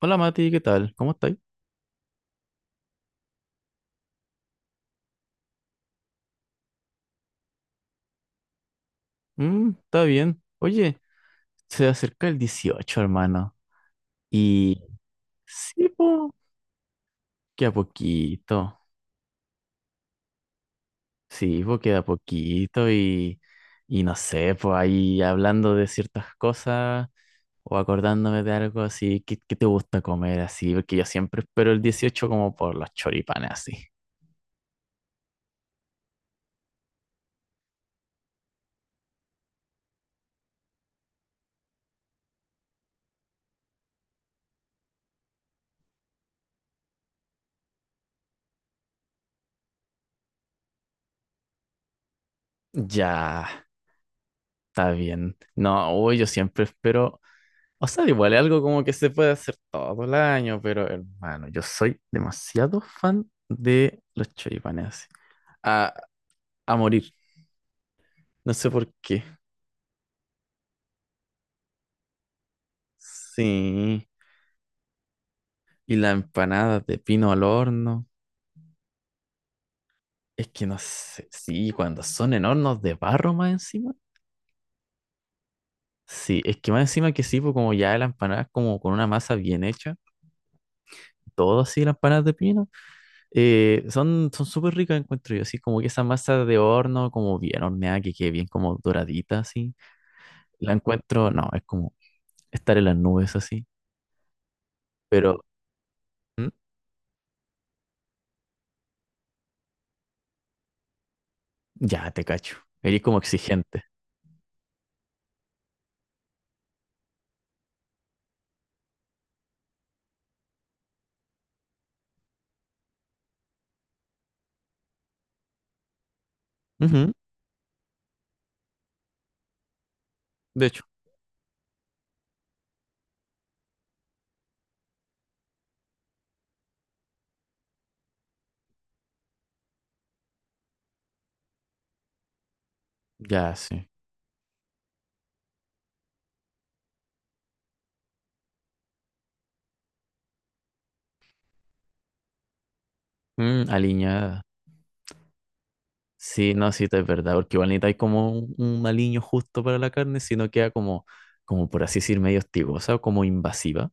Hola Mati, ¿qué tal? ¿Cómo estáis? Mm, está bien. Oye, se acerca el 18, hermano. Y sí, po, queda poquito. Sí, po, queda poquito y no sé, pues ahí hablando de ciertas cosas o acordándome de algo así. ¿Qué te gusta comer así? Porque yo siempre espero el 18 como por los choripanes así. Ya, está bien. No, uy, yo siempre espero. O sea, igual es algo como que se puede hacer todo el año, pero hermano, yo soy demasiado fan de los choripanes así. A, a morir. No sé por qué. Sí. Y las empanadas de pino al horno. Es que no sé. Sí, cuando son en hornos de barro más encima. Sí, es que más encima que sí, pues como ya la empanada es como con una masa bien hecha. Todo así, las empanadas de pino. Son súper ricas, encuentro yo. Así como que esa masa de horno, como bien horneada, que quede bien como doradita, así. La encuentro, no, es como estar en las nubes así, pero... ¿Mm? Ya te cacho. Eres como exigente. Ujú. De hecho, ya sí. Mm, alineada. Sí, no, sí, es verdad, porque igual necesitáis como un aliño justo para la carne, si no queda como, como por así decir, medio hostigosa o como invasiva.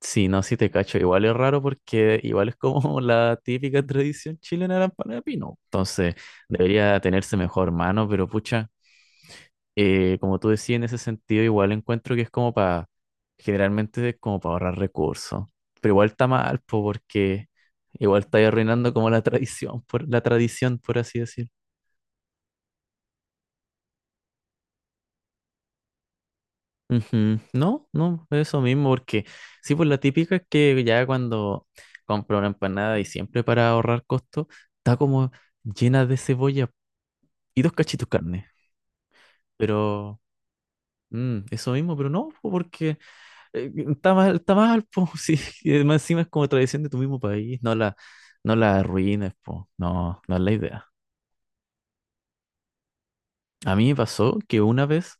Sí, no, sí te cacho, igual es raro porque igual es como la típica tradición chilena de la empanada de pino. Entonces, debería tenerse mejor mano, pero pucha, como tú decías, en ese sentido igual encuentro que es como para, generalmente es como para ahorrar recursos, pero igual está mal, po, porque igual está arruinando como la tradición, por así decir. Ujú. No, no, eso mismo, porque sí, pues la típica es que ya cuando compro una empanada y siempre para ahorrar costos, está como llena de cebolla y dos cachitos de carne. Pero eso mismo, pero no, po, porque está mal, po, sí, y además encima es como tradición de tu mismo país, no la arruines, po, no, no es la idea. A mí me pasó que una vez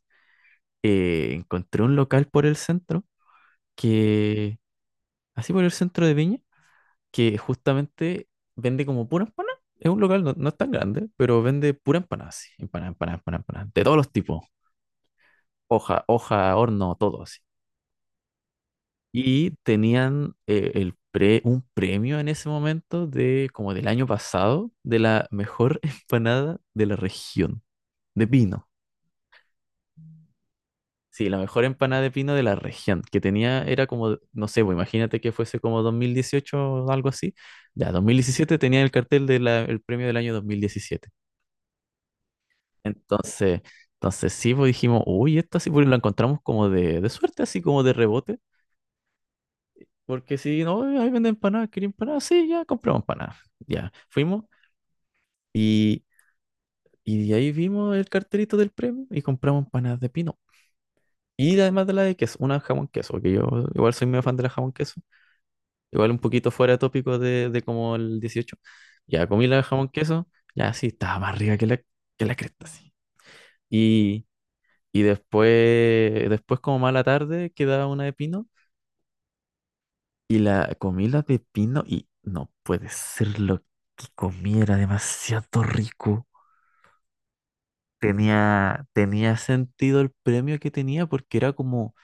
encontré un local por el centro que, así por el centro de Viña que justamente vende como pura empanada. Es un local, no, no es tan grande, pero vende pura empanada, así. Empanada, empanada, empanada, empanada. De todos los tipos. Hoja, hoja, horno, todo así. Y tenían un premio en ese momento de como del año pasado de la mejor empanada de la región, de pino. Sí, la mejor empanada de pino de la región, que tenía, era como, no sé, pues imagínate que fuese como 2018 o algo así. Ya, 2017 tenía el cartel del premio del año 2017. Entonces, entonces sí, pues dijimos, uy, esta sí, pues la encontramos como de suerte, así como de rebote, porque si no, "Ay, ahí venden empanadas, quería empanadas, sí, ya compramos empanadas, ya, fuimos y, y de ahí vimos el cartelito del premio y compramos empanadas de pino. Y además de la de queso, una jamón queso, que yo igual soy medio fan de la jamón queso, igual un poquito fuera de tópico de como el 18. Ya comí la jamón queso, ya sí, estaba más rica que la, cresta, sí. Y después, después como más a la tarde, quedaba una de pino. Y la comí la de pino y no puede ser lo que comí, era demasiado rico. Tenía sentido el premio que tenía porque era como,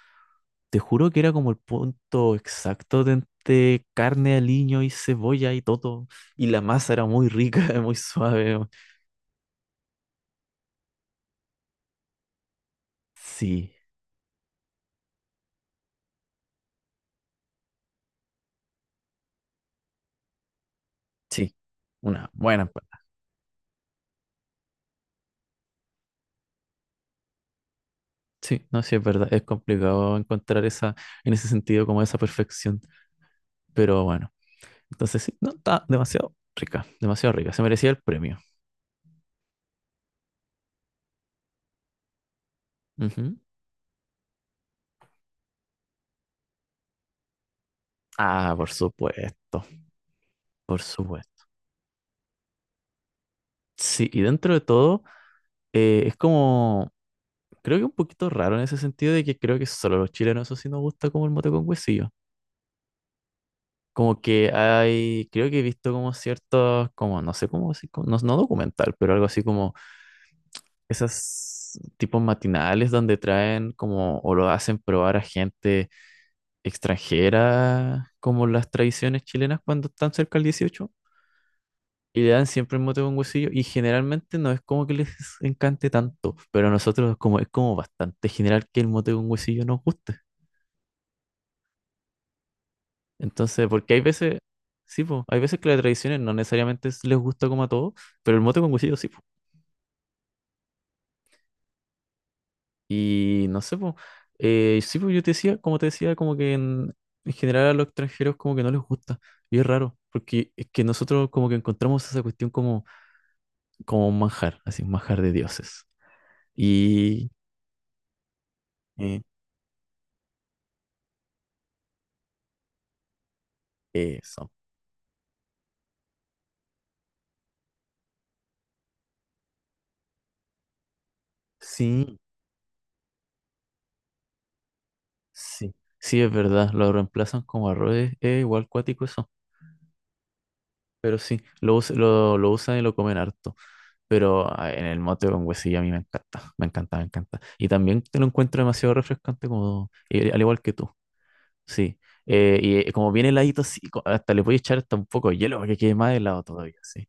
te juro que era como el punto exacto de entre carne, aliño y cebolla y todo. Y la masa era muy rica, muy suave. Sí, sí, una buena empanada. Sí, no, sí, es verdad, es complicado encontrar esa, en ese sentido, como esa perfección. Pero bueno, entonces sí, no, está demasiado rica, demasiado rica. Se merecía el premio. Ujú. Ah, por supuesto, por supuesto. Sí, y dentro de todo, es como, creo que un poquito raro en ese sentido de que creo que solo los chilenos eso sí nos gusta como el mote con huesillo. Como que hay, creo que he visto como ciertos, como, no sé cómo, así como... no, no documental, pero algo así como esas tipos matinales donde traen como, o lo hacen probar a gente extranjera como las tradiciones chilenas cuando están cerca del 18 y le dan siempre el mote con huesillo y generalmente no es como que les encante tanto, pero a nosotros es como bastante general que el mote con huesillo nos guste. Entonces, porque hay veces, sí, po, hay veces que las tradiciones no necesariamente es... les gusta como a todos, pero el mote con huesillo sí, po. Y no sé, po, sí, po, yo te decía, como que en, general a los extranjeros como que no les gusta. Y es raro, porque es que nosotros como que encontramos esa cuestión como como un manjar, así un manjar de dioses. Y eh, eso. Sí, sí. Sí, es verdad. Lo reemplazan como arroz. Es igual cuático eso. Pero sí, lo, lo usan y lo comen harto. Pero ah, en el mote con huesillo a mí me encanta. Me encanta, me encanta. Y también te lo encuentro demasiado refrescante, como, al igual que tú. Sí. Y como viene heladito, así, hasta le voy a echar hasta un poco de hielo para que quede más helado todavía, sí.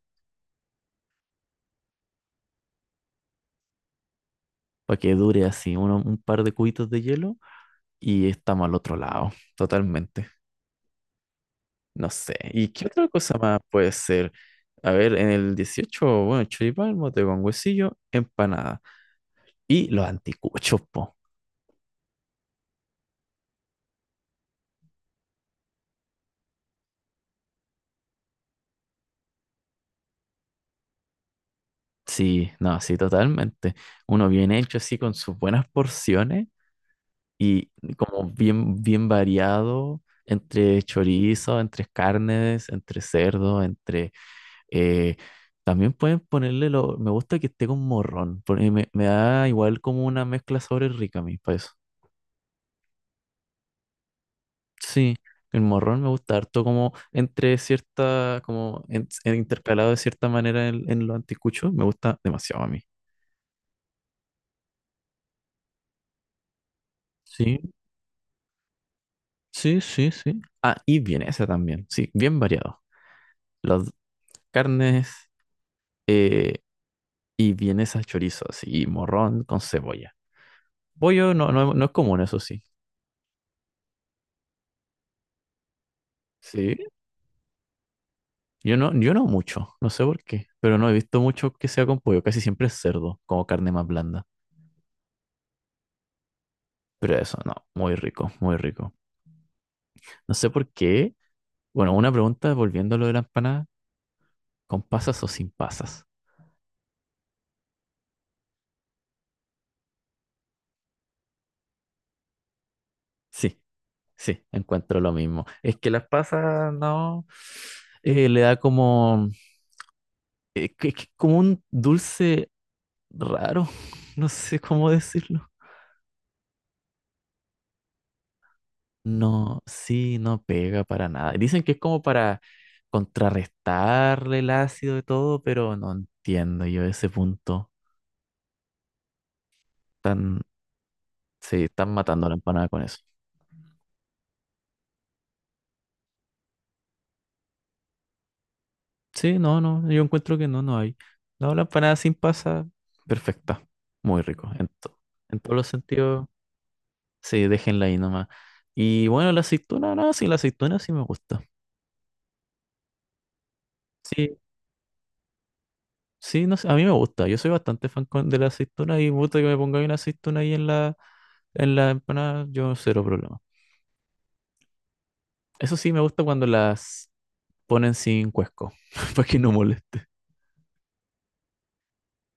Para que dure así, un par de cubitos de hielo y estamos al otro lado, totalmente. No sé. ¿Y qué otra cosa más puede ser? A ver, en el 18 bueno, choripán, mote con huesillo, empanada. Y los anticuchos, po. Sí, no, sí, totalmente. Uno bien hecho así con sus buenas porciones y como bien, bien variado entre chorizo, entre carnes, entre cerdo, entre... Eh, también pueden ponerle lo. Me gusta que esté con morrón. Porque me da igual como una mezcla sobre rica a mí, para eso. Sí, el morrón me gusta harto como entre cierta, como en intercalado de cierta manera en lo anticucho. Me gusta demasiado a mí. Sí, sí, sí, sí. Ah, y vienesa también. Sí, bien variado. Las carnes eh, y vienesa chorizo, así, y morrón con cebolla. Pollo no, no, no es común, eso sí. Sí. Yo no, yo no mucho, no sé por qué, pero no he visto mucho que sea con pollo, casi siempre es cerdo, como carne más blanda. Pero eso, no, muy rico, muy rico. No sé por qué. Bueno, una pregunta volviendo a lo de la empanada, ¿con pasas o sin pasas? Sí, sí, encuentro lo mismo. Es que las pasas, no, le da como, que como un dulce raro, no sé cómo decirlo. No, sí, no pega para nada. Dicen que es como para contrarrestarle el ácido y todo, pero no entiendo yo ese punto. Tan, sí, están matando la empanada con eso. Sí, no, no, yo encuentro que no, no hay. No, la empanada sin pasa, perfecta. Muy rico, en todos los sentidos. Sí, déjenla ahí nomás. Y bueno, la aceituna, no, sí, la aceituna sí me gusta. Sí, Sí, no sé, a mí me gusta. Yo soy bastante fan de la aceituna y gusta que me ponga una aceituna ahí en la empanada, yo cero problema. Eso sí, me gusta cuando las ponen sin cuesco, para que no moleste.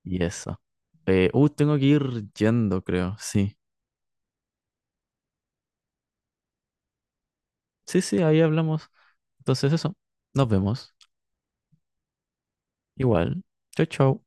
Y eso. Tengo que ir yendo, creo. Sí. Sí, sí, ahí hablamos. Entonces eso. Nos vemos. Igual. Chau, chau.